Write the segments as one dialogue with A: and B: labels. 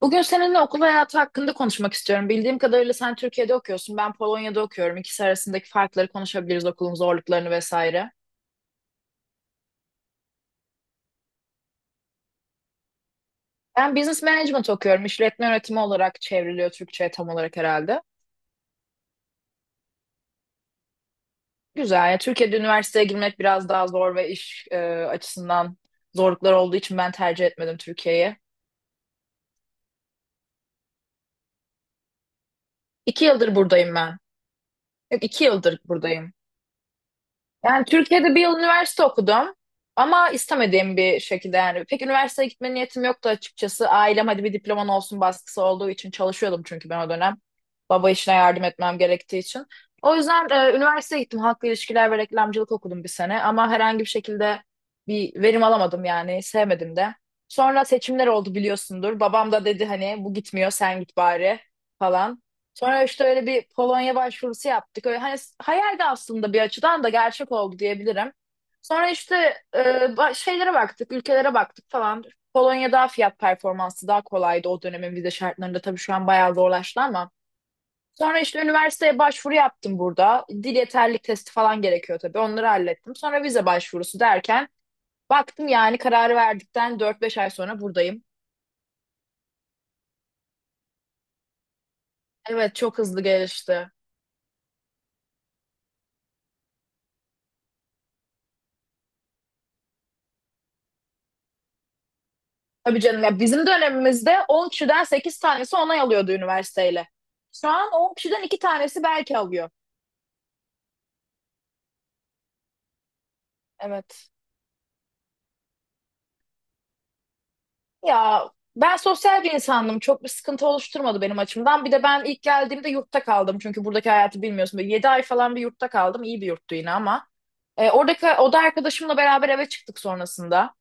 A: Bugün seninle okul hayatı hakkında konuşmak istiyorum. Bildiğim kadarıyla sen Türkiye'de okuyorsun, ben Polonya'da okuyorum. İkisi arasındaki farkları konuşabiliriz, okulun zorluklarını vesaire. Ben business management okuyorum. İşletme yönetimi olarak çevriliyor Türkçe'ye tam olarak herhalde. Güzel. Yani Türkiye'de üniversiteye girmek biraz daha zor ve iş açısından zorluklar olduğu için ben tercih etmedim Türkiye'yi. 2 yıldır buradayım ben. Yok, 2 yıldır buradayım. Yani Türkiye'de 1 yıl üniversite okudum ama istemediğim bir şekilde yani. Pek üniversiteye gitme niyetim yoktu açıkçası. Ailem hadi bir diploman olsun baskısı olduğu için çalışıyordum çünkü ben o dönem. Baba işine yardım etmem gerektiği için. O yüzden üniversiteye gittim. Halkla ilişkiler ve reklamcılık okudum 1 sene ama herhangi bir şekilde bir verim alamadım yani sevmedim de. Sonra seçimler oldu biliyorsundur. Babam da dedi hani bu gitmiyor sen git bari falan. Sonra işte öyle bir Polonya başvurusu yaptık. Öyle hani hayaldi aslında bir açıdan da gerçek oldu diyebilirim. Sonra işte şeylere baktık, ülkelere baktık falan. Polonya daha fiyat performansı daha kolaydı o dönemin vize şartlarında. Tabii şu an bayağı zorlaştı ama. Sonra işte üniversiteye başvuru yaptım burada. Dil yeterlilik testi falan gerekiyor tabii. Onları hallettim. Sonra vize başvurusu derken baktım yani kararı verdikten 4 5 ay sonra buradayım. Evet çok hızlı gelişti. Tabii canım ya bizim dönemimizde 10 kişiden 8 tanesi onay alıyordu üniversiteyle. Şu an 10 kişiden 2 tanesi belki alıyor. Evet. Ya ben sosyal bir insandım. Çok bir sıkıntı oluşturmadı benim açımdan. Bir de ben ilk geldiğimde yurtta kaldım. Çünkü buradaki hayatı bilmiyorsun. Böyle 7 ay falan bir yurtta kaldım. İyi bir yurttu yine ama. Oradaki oda arkadaşımla beraber eve çıktık sonrasında.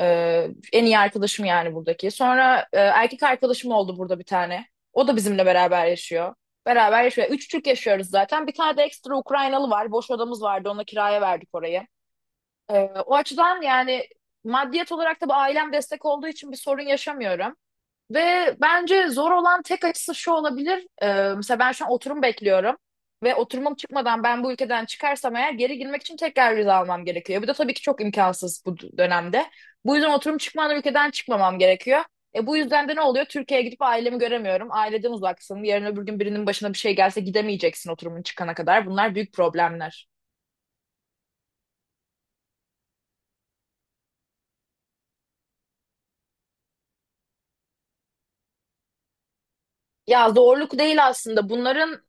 A: En iyi arkadaşım yani buradaki. Sonra erkek arkadaşım oldu burada bir tane. O da bizimle beraber yaşıyor. Beraber yaşıyor. Üç Türk yaşıyoruz zaten. Bir tane de ekstra Ukraynalı var. Boş odamız vardı. Ona kiraya verdik orayı. Ee, O açıdan yani maddiyet olarak da bu ailem destek olduğu için bir sorun yaşamıyorum. Ve bence zor olan tek açısı şu olabilir. Mesela ben şu an oturum bekliyorum. Ve oturumum çıkmadan ben bu ülkeden çıkarsam eğer geri girmek için tekrar vize almam gerekiyor. Bu da tabii ki çok imkansız bu dönemde. Bu yüzden oturum çıkmadan ülkeden çıkmamam gerekiyor. Bu yüzden de ne oluyor? Türkiye'ye gidip ailemi göremiyorum. Aileden uzaksın. Yarın öbür gün birinin başına bir şey gelse gidemeyeceksin oturumun çıkana kadar. Bunlar büyük problemler. Ya zorluk değil aslında. Bunların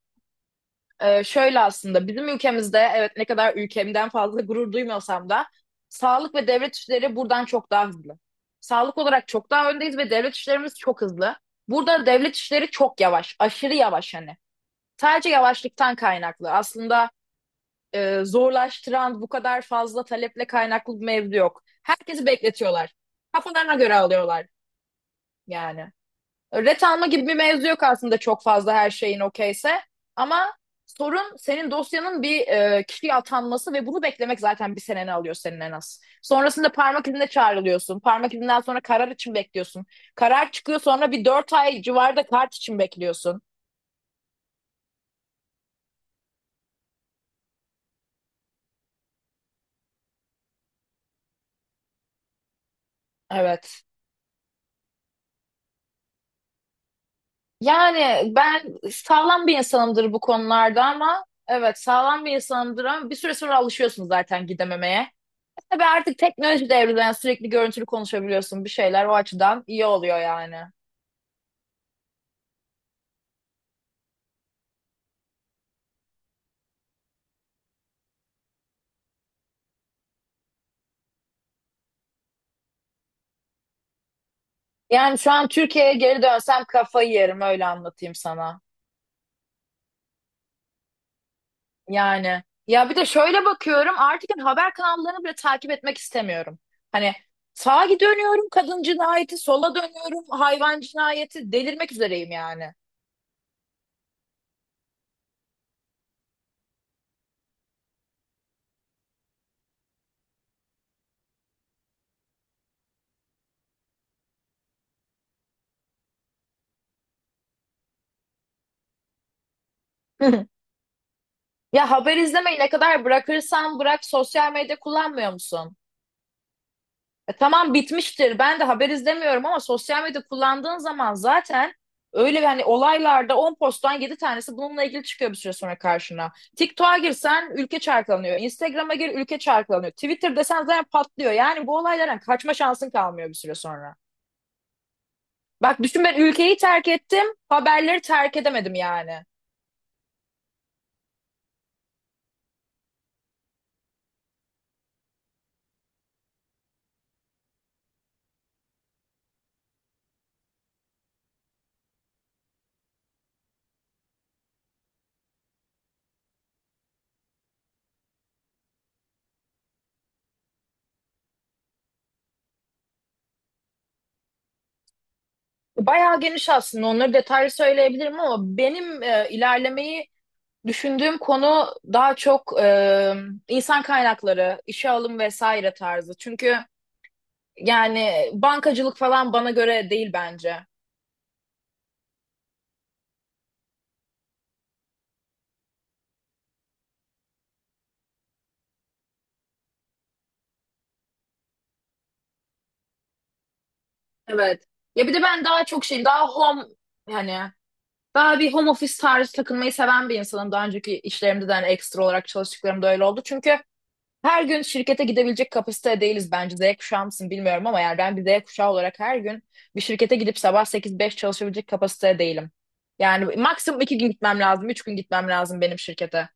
A: Şöyle aslında bizim ülkemizde evet ne kadar ülkemden fazla gurur duymuyorsam da sağlık ve devlet işleri buradan çok daha hızlı. Sağlık olarak çok daha öndeyiz ve devlet işlerimiz çok hızlı. Burada devlet işleri çok yavaş, aşırı yavaş hani. Sadece yavaşlıktan kaynaklı. Aslında zorlaştıran bu kadar fazla taleple kaynaklı bir mevzu yok. Herkesi bekletiyorlar. Kafalarına göre alıyorlar yani. Ret alma gibi bir mevzu yok aslında çok fazla her şeyin okeyse. Ama sorun senin dosyanın bir kişiye atanması ve bunu beklemek zaten 1 seneni alıyor senin en az. Sonrasında parmak izine çağrılıyorsun. Parmak izinden sonra karar için bekliyorsun. Karar çıkıyor sonra bir 4 ay civarda kart için bekliyorsun. Evet. Yani ben sağlam bir insanımdır bu konularda ama evet sağlam bir insanımdır ama bir süre sonra alışıyorsun zaten gidememeye. Tabii artık teknoloji devrinde yani sürekli görüntülü konuşabiliyorsun bir şeyler o açıdan iyi oluyor yani. Yani şu an Türkiye'ye geri dönsem kafayı yerim öyle anlatayım sana. Yani ya bir de şöyle bakıyorum artık yani haber kanallarını bile takip etmek istemiyorum. Hani sağa dönüyorum kadın cinayeti, sola dönüyorum hayvan cinayeti delirmek üzereyim yani. Ya haber izlemeyi ne kadar bırakırsan bırak sosyal medya kullanmıyor musun? Tamam bitmiştir. Ben de haber izlemiyorum ama sosyal medya kullandığın zaman zaten öyle yani olaylarda 10 posttan 7 tanesi bununla ilgili çıkıyor bir süre sonra karşına. TikTok'a girsen ülke çarklanıyor. Instagram'a gir ülke çarklanıyor. Twitter desen zaten patlıyor. Yani bu olaylardan kaçma şansın kalmıyor bir süre sonra. Bak düşün ben ülkeyi terk ettim, haberleri terk edemedim yani. Bayağı geniş aslında onları detaylı söyleyebilirim ama benim ilerlemeyi düşündüğüm konu daha çok insan kaynakları, işe alım vesaire tarzı. Çünkü yani bankacılık falan bana göre değil bence. Evet. Ya bir de ben daha çok şey, daha home yani daha bir home office tarzı takılmayı seven bir insanım. Daha önceki işlerimde de hani ekstra olarak çalıştıklarımda öyle oldu. Çünkü her gün şirkete gidebilecek kapasitede değiliz bence. Z kuşağı mısın bilmiyorum ama yani ben bir Z kuşağı olarak her gün bir şirkete gidip sabah 8 5 çalışabilecek kapasitede değilim. Yani maksimum 2 gün gitmem lazım, 3 gün gitmem lazım benim şirkete.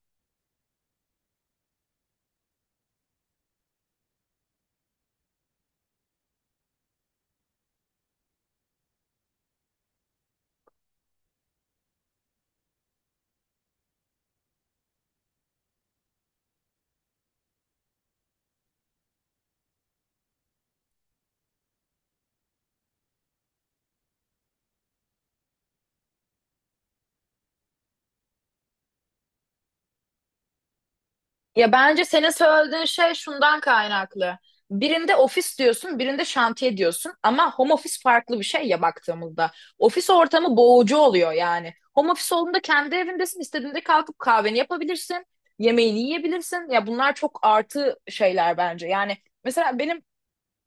A: Ya bence senin söylediğin şey şundan kaynaklı. Birinde ofis diyorsun, birinde şantiye diyorsun ama home office farklı bir şey ya baktığımızda. Ofis ortamı boğucu oluyor yani. Home office olduğunda kendi evindesin, istediğinde kalkıp kahveni yapabilirsin, yemeğini yiyebilirsin. Ya bunlar çok artı şeyler bence. Yani mesela benim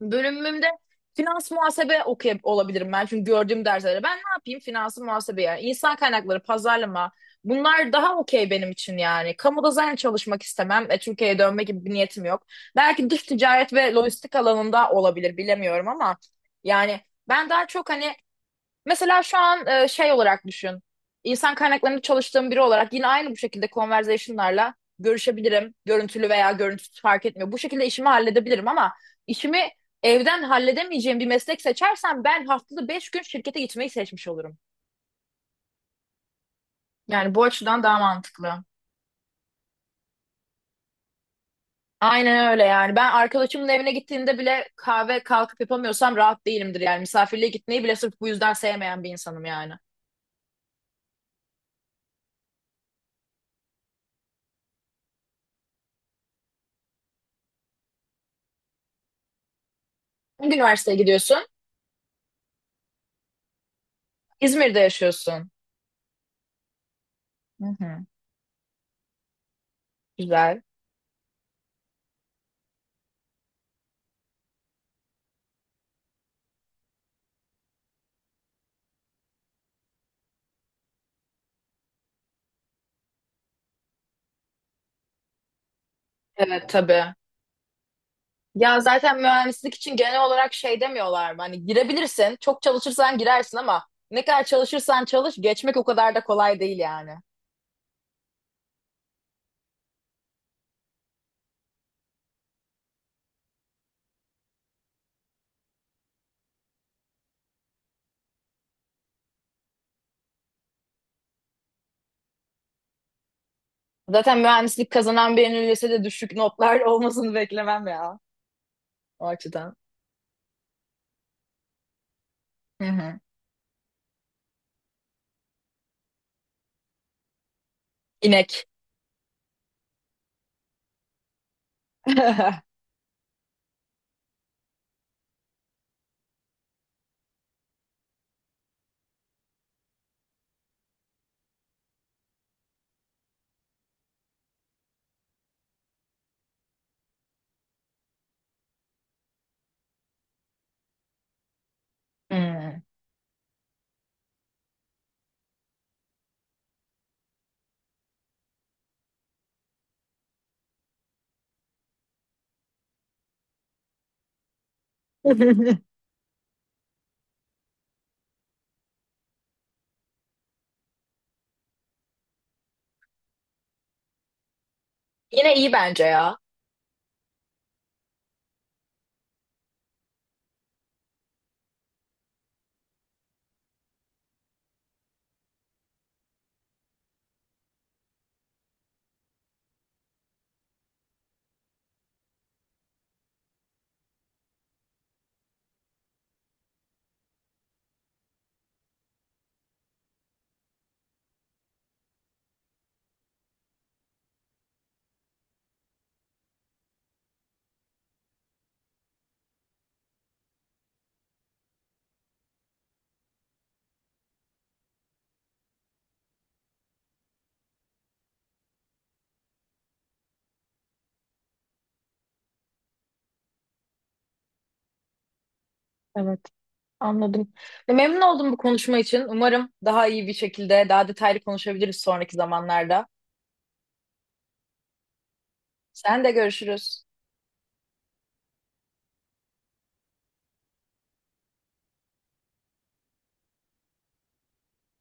A: bölümümde finans muhasebe okuyabilirim olabilirim ben. Çünkü gördüğüm derslerde ben ne yapayım? Finansı muhasebe yani. İnsan kaynakları, pazarlama bunlar daha okey benim için yani. Kamuda zaten çalışmak istemem. Türkiye'ye dönme gibi bir niyetim yok. Belki dış ticaret ve lojistik alanında olabilir bilemiyorum ama yani ben daha çok hani mesela şu an şey olarak düşün. İnsan kaynaklarında çalıştığım biri olarak yine aynı bu şekilde conversation'larla görüşebilirim. Görüntülü veya görüntüsüz fark etmiyor. Bu şekilde işimi halledebilirim ama işimi evden halledemeyeceğim bir meslek seçersem ben haftada 5 gün şirkete gitmeyi seçmiş olurum. Yani bu açıdan daha mantıklı. Aynen öyle yani. Ben arkadaşımın evine gittiğinde bile kahve kalkıp yapamıyorsam rahat değilimdir yani. Misafirliğe gitmeyi bile sırf bu yüzden sevmeyen bir insanım yani. Hangi üniversiteye gidiyorsun? İzmir'de yaşıyorsun. Hı hı. Güzel. Evet tabii. Ya zaten mühendislik için genel olarak şey demiyorlar mı? Hani girebilirsin, çok çalışırsan girersin ama ne kadar çalışırsan çalış geçmek o kadar da kolay değil yani. Zaten mühendislik kazanan birinin lisede düşük notlar olmasını beklemem ya o açıdan. Hı hı. İnek. Hı. Yine iyi bence ya. Evet, anladım. Ya memnun oldum bu konuşma için. Umarım daha iyi bir şekilde, daha detaylı konuşabiliriz sonraki zamanlarda. Sen de görüşürüz.